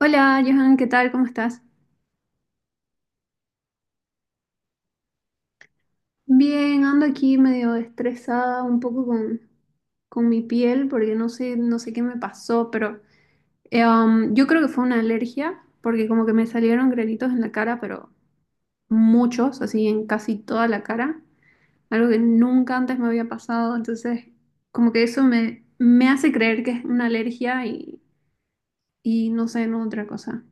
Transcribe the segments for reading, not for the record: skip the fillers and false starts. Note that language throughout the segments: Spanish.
Hola, Johan, ¿qué tal? ¿Cómo estás? Bien, ando aquí medio estresada un poco con mi piel porque no sé qué me pasó, pero yo creo que fue una alergia porque como que me salieron granitos en la cara, pero muchos, así en casi toda la cara, algo que nunca antes me había pasado, entonces como que me hace creer que es una alergia y no sé, no otra cosa.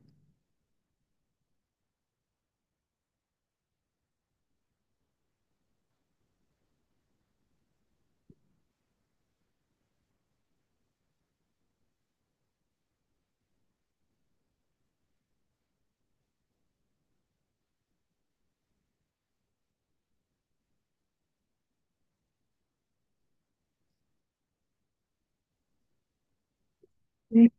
Sí,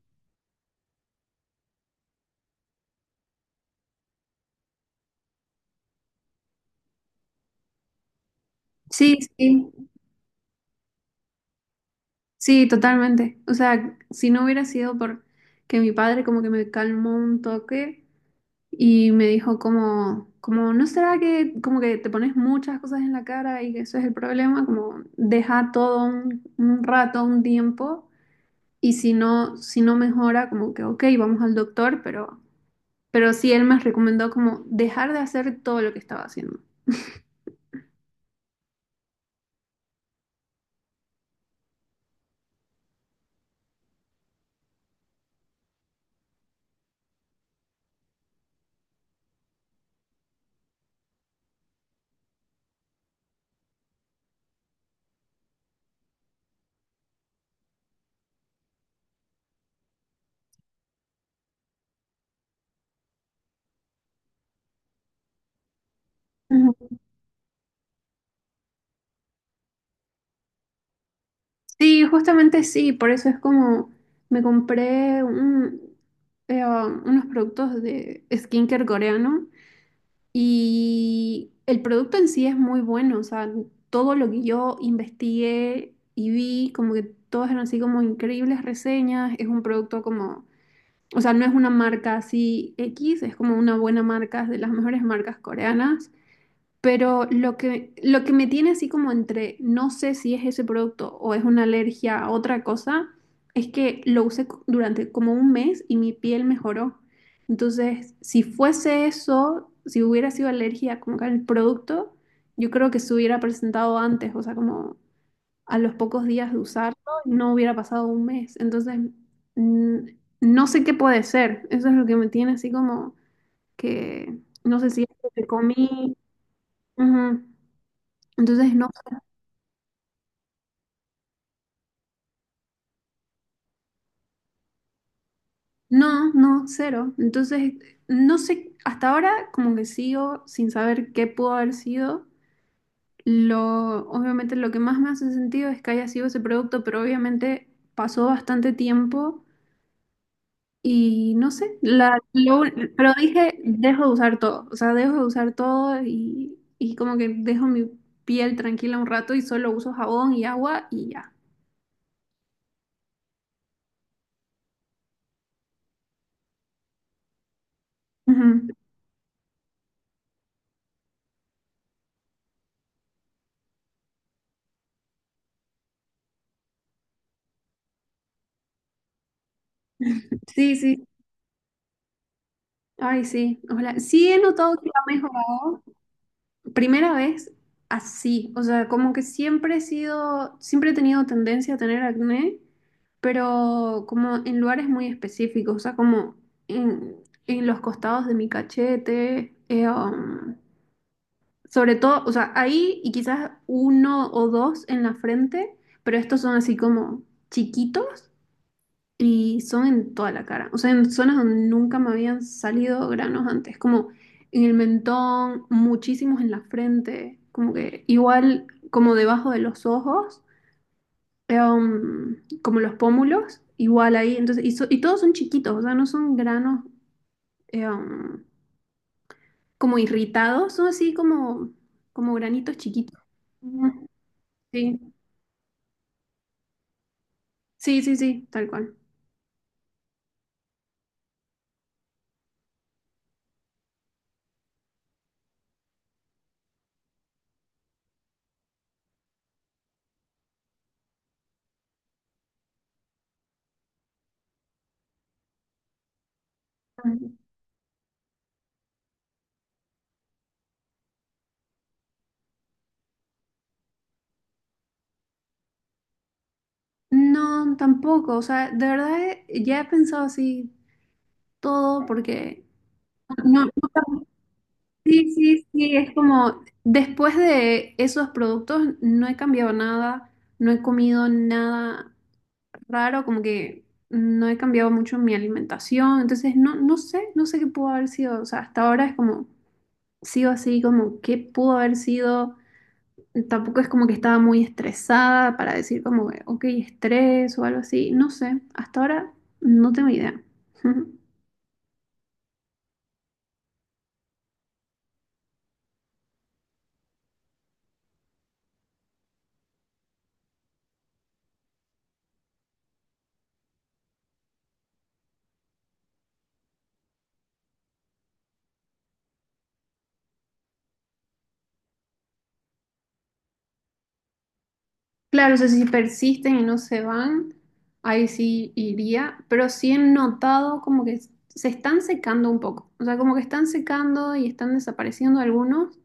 sí, sí. Sí, totalmente. O sea, si no hubiera sido por que mi padre como que me calmó un toque y me dijo como, ¿no será que como que te pones muchas cosas en la cara y que eso es el problema? Como deja un rato, un tiempo y si no mejora, como que, ok, vamos al doctor, pero sí él me recomendó como dejar de hacer todo lo que estaba haciendo. Sí, justamente sí, por eso es como me compré un- unos productos de skincare coreano y el producto en sí es muy bueno, o sea, todo lo que yo investigué y vi, como que todas eran así como increíbles reseñas, es un producto como, o sea, no es una marca así X, es como una buena marca, es de las mejores marcas coreanas. Pero lo que me tiene así como entre no sé si es ese producto o es una alergia a otra cosa, es que lo usé durante como un mes y mi piel mejoró. Entonces, si fuese eso, si hubiera sido alergia como que al producto, yo creo que se hubiera presentado antes, o sea, como a los pocos días de usarlo, no hubiera pasado un mes. Entonces, mm, no sé qué puede ser. Eso es lo que me tiene así como que no sé si es que comí. Ujú. Entonces, no, no, no, cero. Entonces, no sé, hasta ahora como que sigo sin saber qué pudo haber sido. Lo, obviamente lo que más me hace sentido es que haya sido ese producto, pero obviamente pasó bastante tiempo y no sé, pero dejo de usar todo, o sea, dejo de usar todo y como que dejo mi piel tranquila un rato y solo uso jabón y agua y ya. Ujú. Sí, sí. Ay, sí. Ojalá. Sí he notado que ha mejorado. Primera vez así, o sea, como que siempre he sido, siempre he tenido tendencia a tener acné, pero como en lugares muy específicos, o sea, como en, en los costados de mi cachete, sobre todo, o sea, ahí y quizás uno o dos en la frente, pero estos son así como chiquitos y son en toda la cara, o sea, en zonas donde nunca me habían salido granos antes, como en el mentón, muchísimos en la frente, como que igual como debajo de los ojos, eh, um, como los pómulos, igual ahí, entonces, y, y todos son chiquitos, o sea, no son granos eh, um, como irritados, son así como, como granitos chiquitos. Ujú. Sí, sí, sí, sí, tal cual. No, tampoco, o sea, de verdad ya he pensado así todo porque no, sí, sí, sí, es como después de esos productos no he cambiado nada, no he comido nada raro, como que no he cambiado mucho mi alimentación, entonces no, no sé, no sé qué pudo haber sido, o sea, hasta ahora es como, sigo así, como qué pudo haber sido, tampoco es como que estaba muy estresada para decir como, ok, estrés o algo así, no sé, hasta ahora no tengo idea. Claro, o sea, si persisten y no se van, ahí sí iría, pero sí he notado como que se están secando un poco, o sea, como que están secando y están desapareciendo algunos,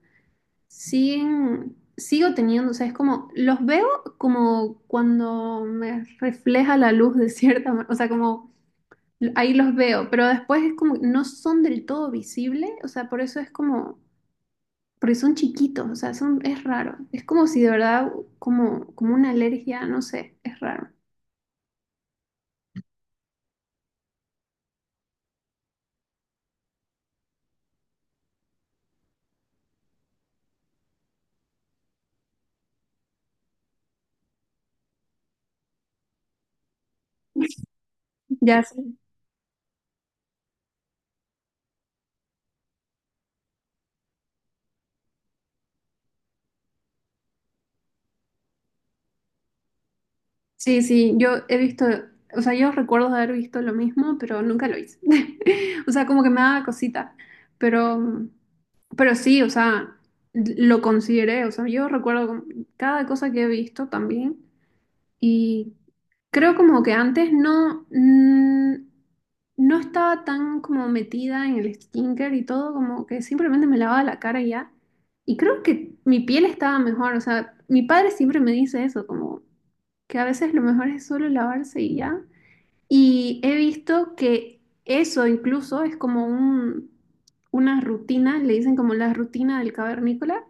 siguen, sigo teniendo, o sea, es como, los veo como cuando me refleja la luz de cierta manera, o sea, como ahí los veo, pero después es como, no son del todo visibles, o sea, por eso es como porque son chiquitos, o sea, son, es raro. Es como si de verdad, como, como una alergia, no sé, es raro. Ya sé. Sí, sí, yo he visto, o sea, yo recuerdo de haber visto lo mismo, pero nunca lo hice. O sea, como que me daba cosita, pero, pero sí, o sea, lo consideré, o sea, yo recuerdo como cada cosa que he visto también y Creo como que antes no, no estaba tan como metida en el skincare y todo, como que simplemente me lavaba la cara y ya. Y creo que mi piel estaba mejor, o sea, mi padre siempre me dice eso, como que a veces lo mejor es solo lavarse y ya. Y he visto que eso incluso es como un, una rutina, le dicen como la rutina del cavernícola,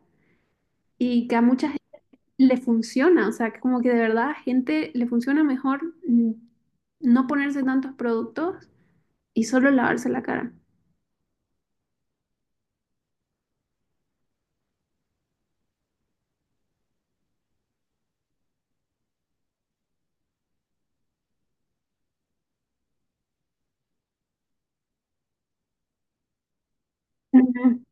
y que a mucha le funciona, o sea, que como que de verdad a gente le funciona mejor no ponerse tantos productos y solo lavarse la cara. Ujú.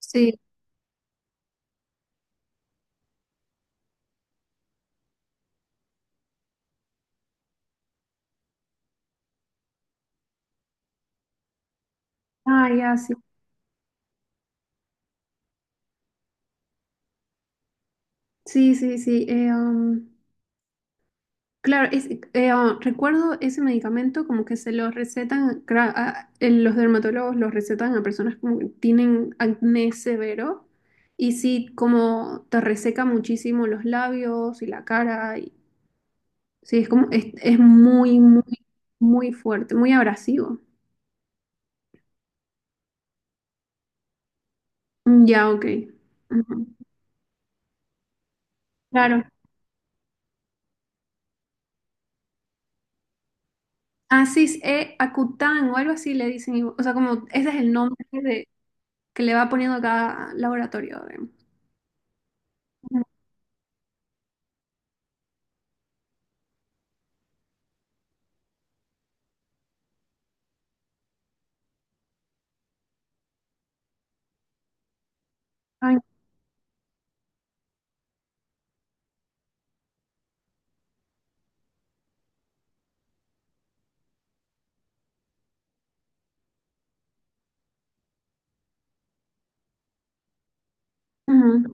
Sí, ah, ya, sí. Sí, sí, sí. Claro, recuerdo ese medicamento como que se lo recetan, en los dermatólogos los recetan a personas como que tienen acné severo y sí, como te reseca muchísimo los labios y la cara Sí, es como, es muy, muy, muy fuerte, muy abrasivo. Mm, ya, ok. Ujú. Claro. Asis e Acután o algo así le dicen. Y- O sea, como ese es el nombre de- que le va poniendo cada laboratorio. Digamos. Ujú. Ay, ujú,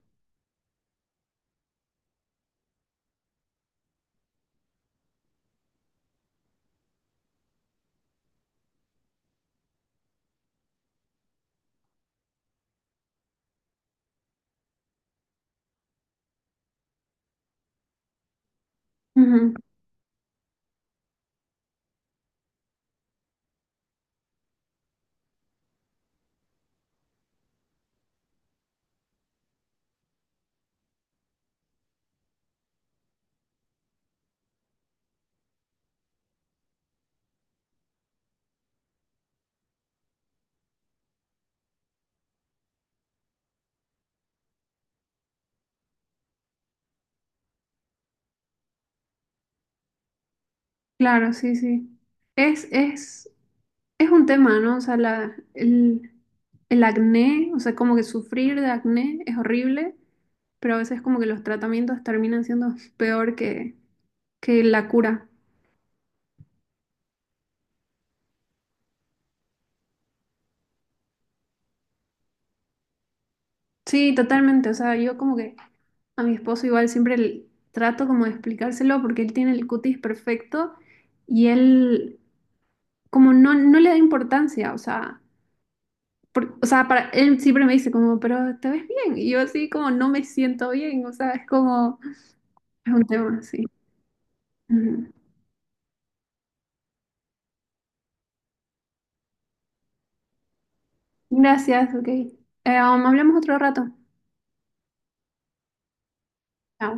ujú. Claro, sí, sí. Es, es, es un tema, ¿no? O sea, el acné, o sea, como que sufrir de acné es horrible, pero a veces como que los tratamientos terminan siendo peor que la cura. Sí, totalmente. O sea, yo como que a mi esposo igual siempre trato como de explicárselo porque él tiene el cutis perfecto y él como no, no le da importancia. O sea, o sea, para él siempre me dice como, pero te ves bien. Y yo así como no me siento bien. O sea, es como, es un tema así. Ujú. Gracias, ok. Hablamos otro rato. Chao.